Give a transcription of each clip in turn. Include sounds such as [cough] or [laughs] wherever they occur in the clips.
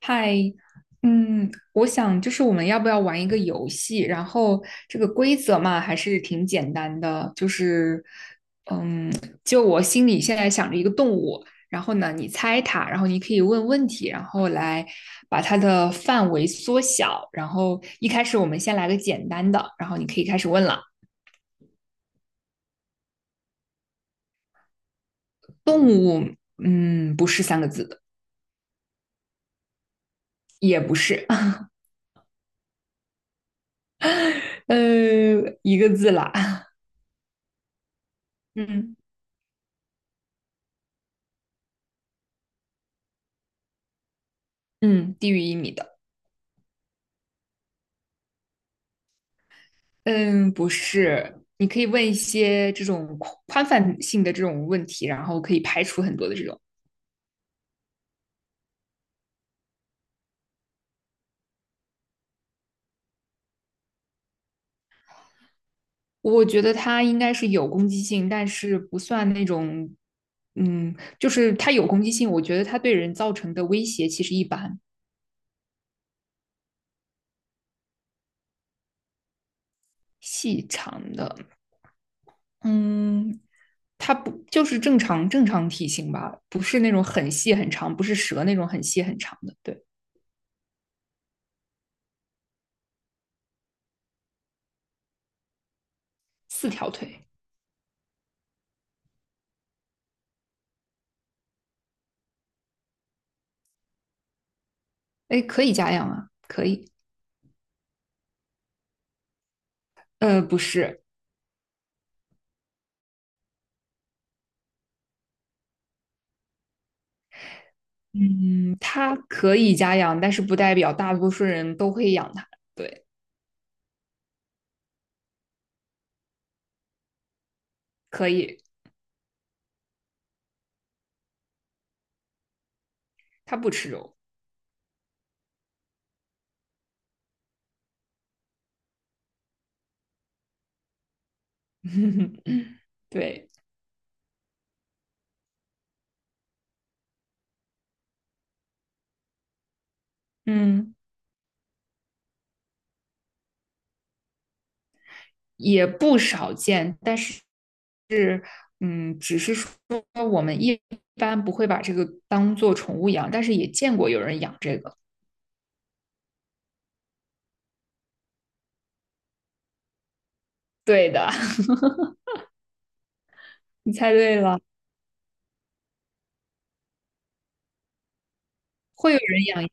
嗨，我想就是我们要不要玩一个游戏？然后这个规则嘛，还是挺简单的，就是，嗯，就我心里现在想着一个动物，然后呢，你猜它，然后你可以问问题，然后来把它的范围缩小。然后一开始我们先来个简单的，然后你可以开始问了。动物，不是三个字的，也不是，[laughs] 呃，一个字啦，[laughs] 嗯嗯，低于1米的。嗯，不是，你可以问一些这种宽宽泛性的这种问题，然后可以排除很多的这种。我觉得它应该是有攻击性，但是不算那种，就是它有攻击性，我觉得它对人造成的威胁其实一般，细长的，嗯，它不就是正常体型吧，不是那种很细很长，不是蛇那种很细很长的，对，四条腿，哎，可以家养啊，可以，不是。嗯，它可以家养，但是不代表大多数人都会养它。对，可以，它不吃肉。[laughs] 对，嗯，也不少见，但是是，只是说我们一般不会把这个当做宠物养，但是也见过有人养这个。对的，[laughs] 你猜对了，会有人养。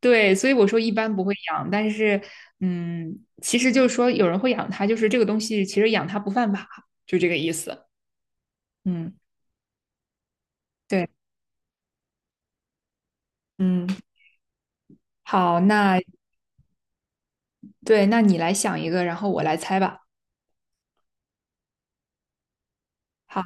对，所以我说一般不会养，但是，其实就是说有人会养它，就是这个东西其实养它不犯法，就这个意思。嗯。对，嗯，好，那对，那你来想一个，然后我来猜吧。好，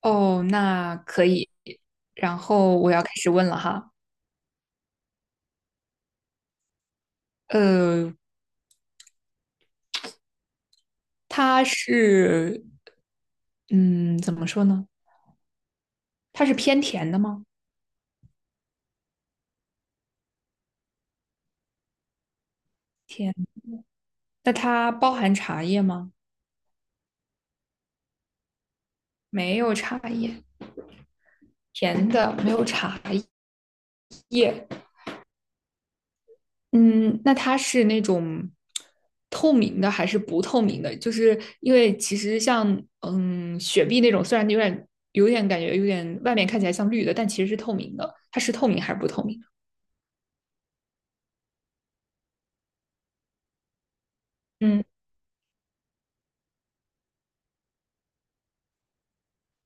哦，那可以。然后我要开始问了哈。呃，它是，嗯，怎么说呢？它是偏甜的吗？甜。那它包含茶叶吗？没有茶叶，甜的，没有茶叶。嗯，那它是那种透明的还是不透明的？就是因为其实像雪碧那种，虽然有点感觉有点外面看起来像绿的，但其实是透明的。它是透明还是不透明的？嗯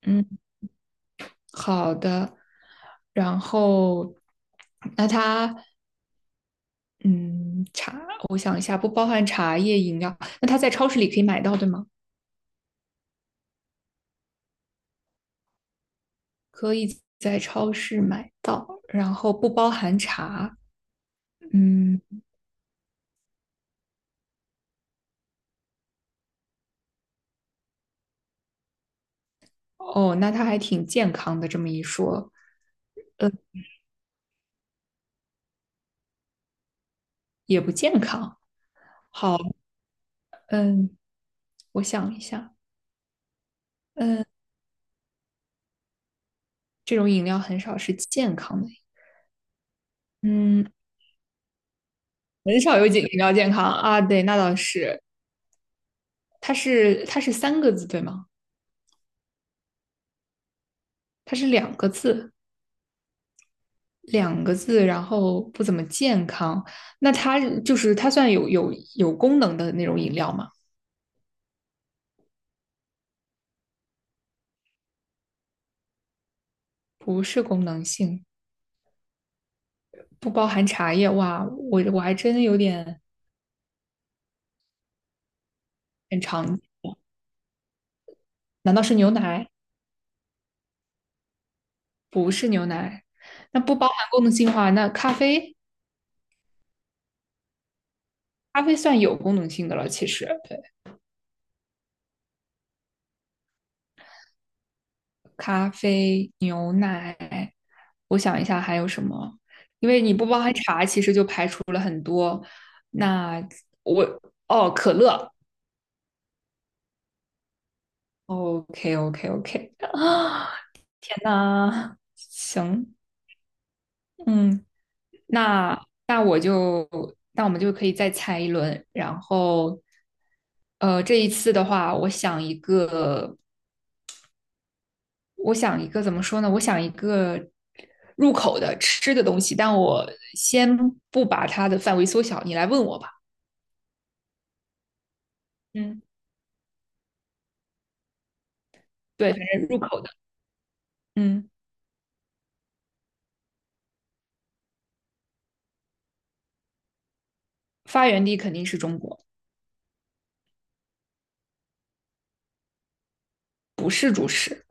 嗯，好的。然后那它嗯茶，我想一下，不包含茶叶饮料。那它在超市里可以买到，对吗？可以在超市买到，然后不包含茶。嗯。哦，那它还挺健康的，这么一说也不健康。好，嗯，我想一下，嗯，这种饮料很少是健康的，嗯，很少有饮料健康啊。对，那倒是，它是三个字对吗？它是两个字，两个字，然后不怎么健康。那它就是它算有功能的那种饮料吗？不是功能性，不包含茶叶。哇，我还真有点很常，难道是牛奶？不是牛奶，那不包含功能性的话，那咖啡，咖啡算有功能性的了。其实，对，咖啡、牛奶，我想一下还有什么，因为你不包含茶，其实就排除了很多。那我哦，可乐，OK OK OK 啊，那行，嗯，那那我就那我们就可以再猜一轮，然后这一次的话，我想一个。我想一个怎么说呢？我想一个入口的吃的东西，但我先不把它的范围缩小，你来问我吧。嗯，对，反正入口的，嗯，发源地肯定是中国，不是主食。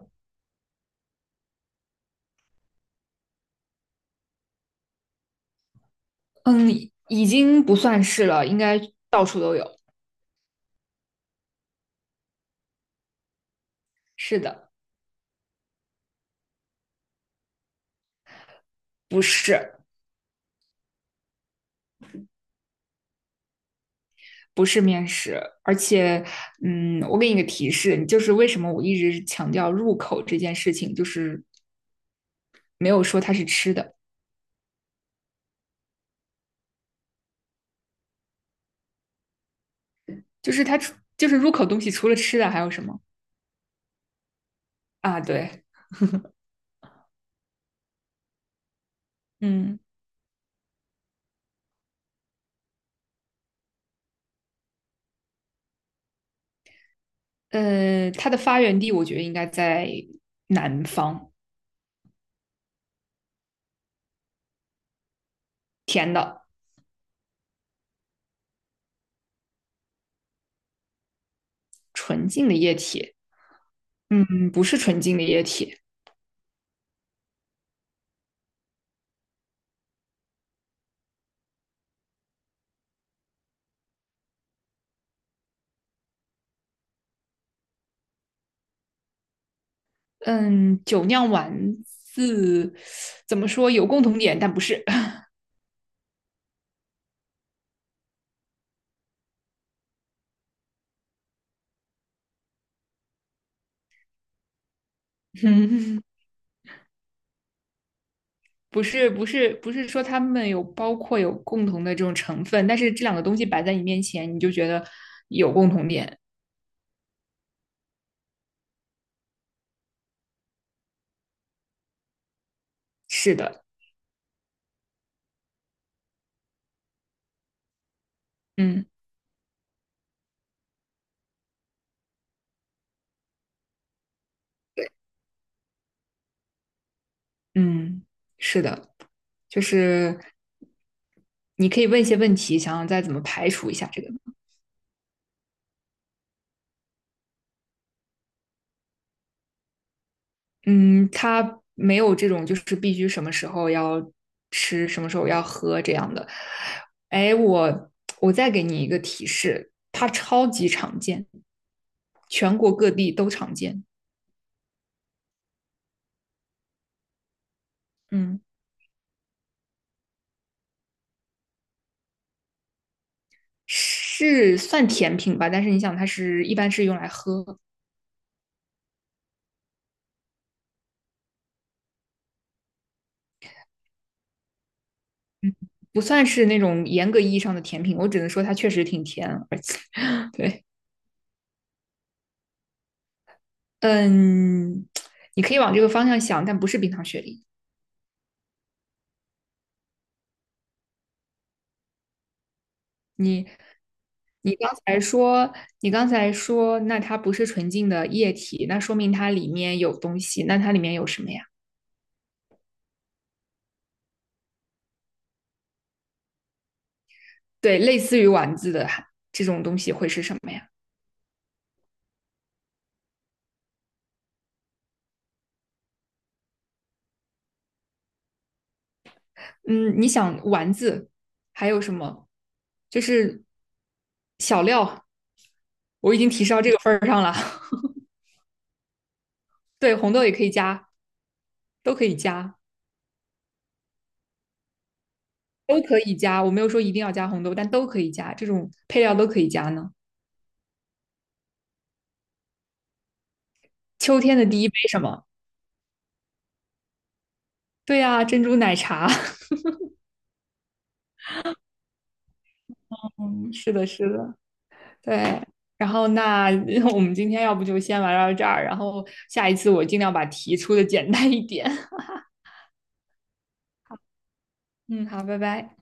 嗯，已经不算是了，应该到处都有。是的，不是，不是面食，而且，我给你个提示，就是为什么我一直强调入口这件事情，就是没有说它是吃的，就是它就是入口东西除了吃的还有什么啊？对，嗯，它的发源地我觉得应该在南方，甜的纯净的液体，不是纯净的液体，嗯，酒酿丸子怎么说有共同点，但不是，[laughs] 嗯不是，不是，不是说他们有包括有共同的这种成分，但是这两个东西摆在你面前，你就觉得有共同点，是的，嗯。嗯，是的，就是你可以问一些问题，想想再怎么排除一下这个。嗯，它没有这种就是必须什么时候要吃，什么时候要喝这样的。哎，我再给你一个提示，它超级常见，全国各地都常见。嗯，是算甜品吧，但是你想，它是一般是用来喝，不算是那种严格意义上的甜品。我只能说它确实挺甜，而且对。嗯，你可以往这个方向想，但不是冰糖雪梨。你你刚才说，那它不是纯净的液体，那说明它里面有东西。那它里面有什么呀？对，类似于丸子的这种东西会是什么呀？嗯，你想丸子还有什么？就是小料，我已经提示到这个份儿上了。[laughs] 对，红豆也可以加，都可以加，都可以加。我没有说一定要加红豆，但都可以加，这种配料都可以加呢。秋天的第一杯什么？对呀、珍珠奶茶。[laughs] 嗯，是的，是的，对。然后那 [laughs] 我们今天要不就先玩到这儿，然后下一次我尽量把题出的简单一点。[laughs] 嗯，好，拜拜。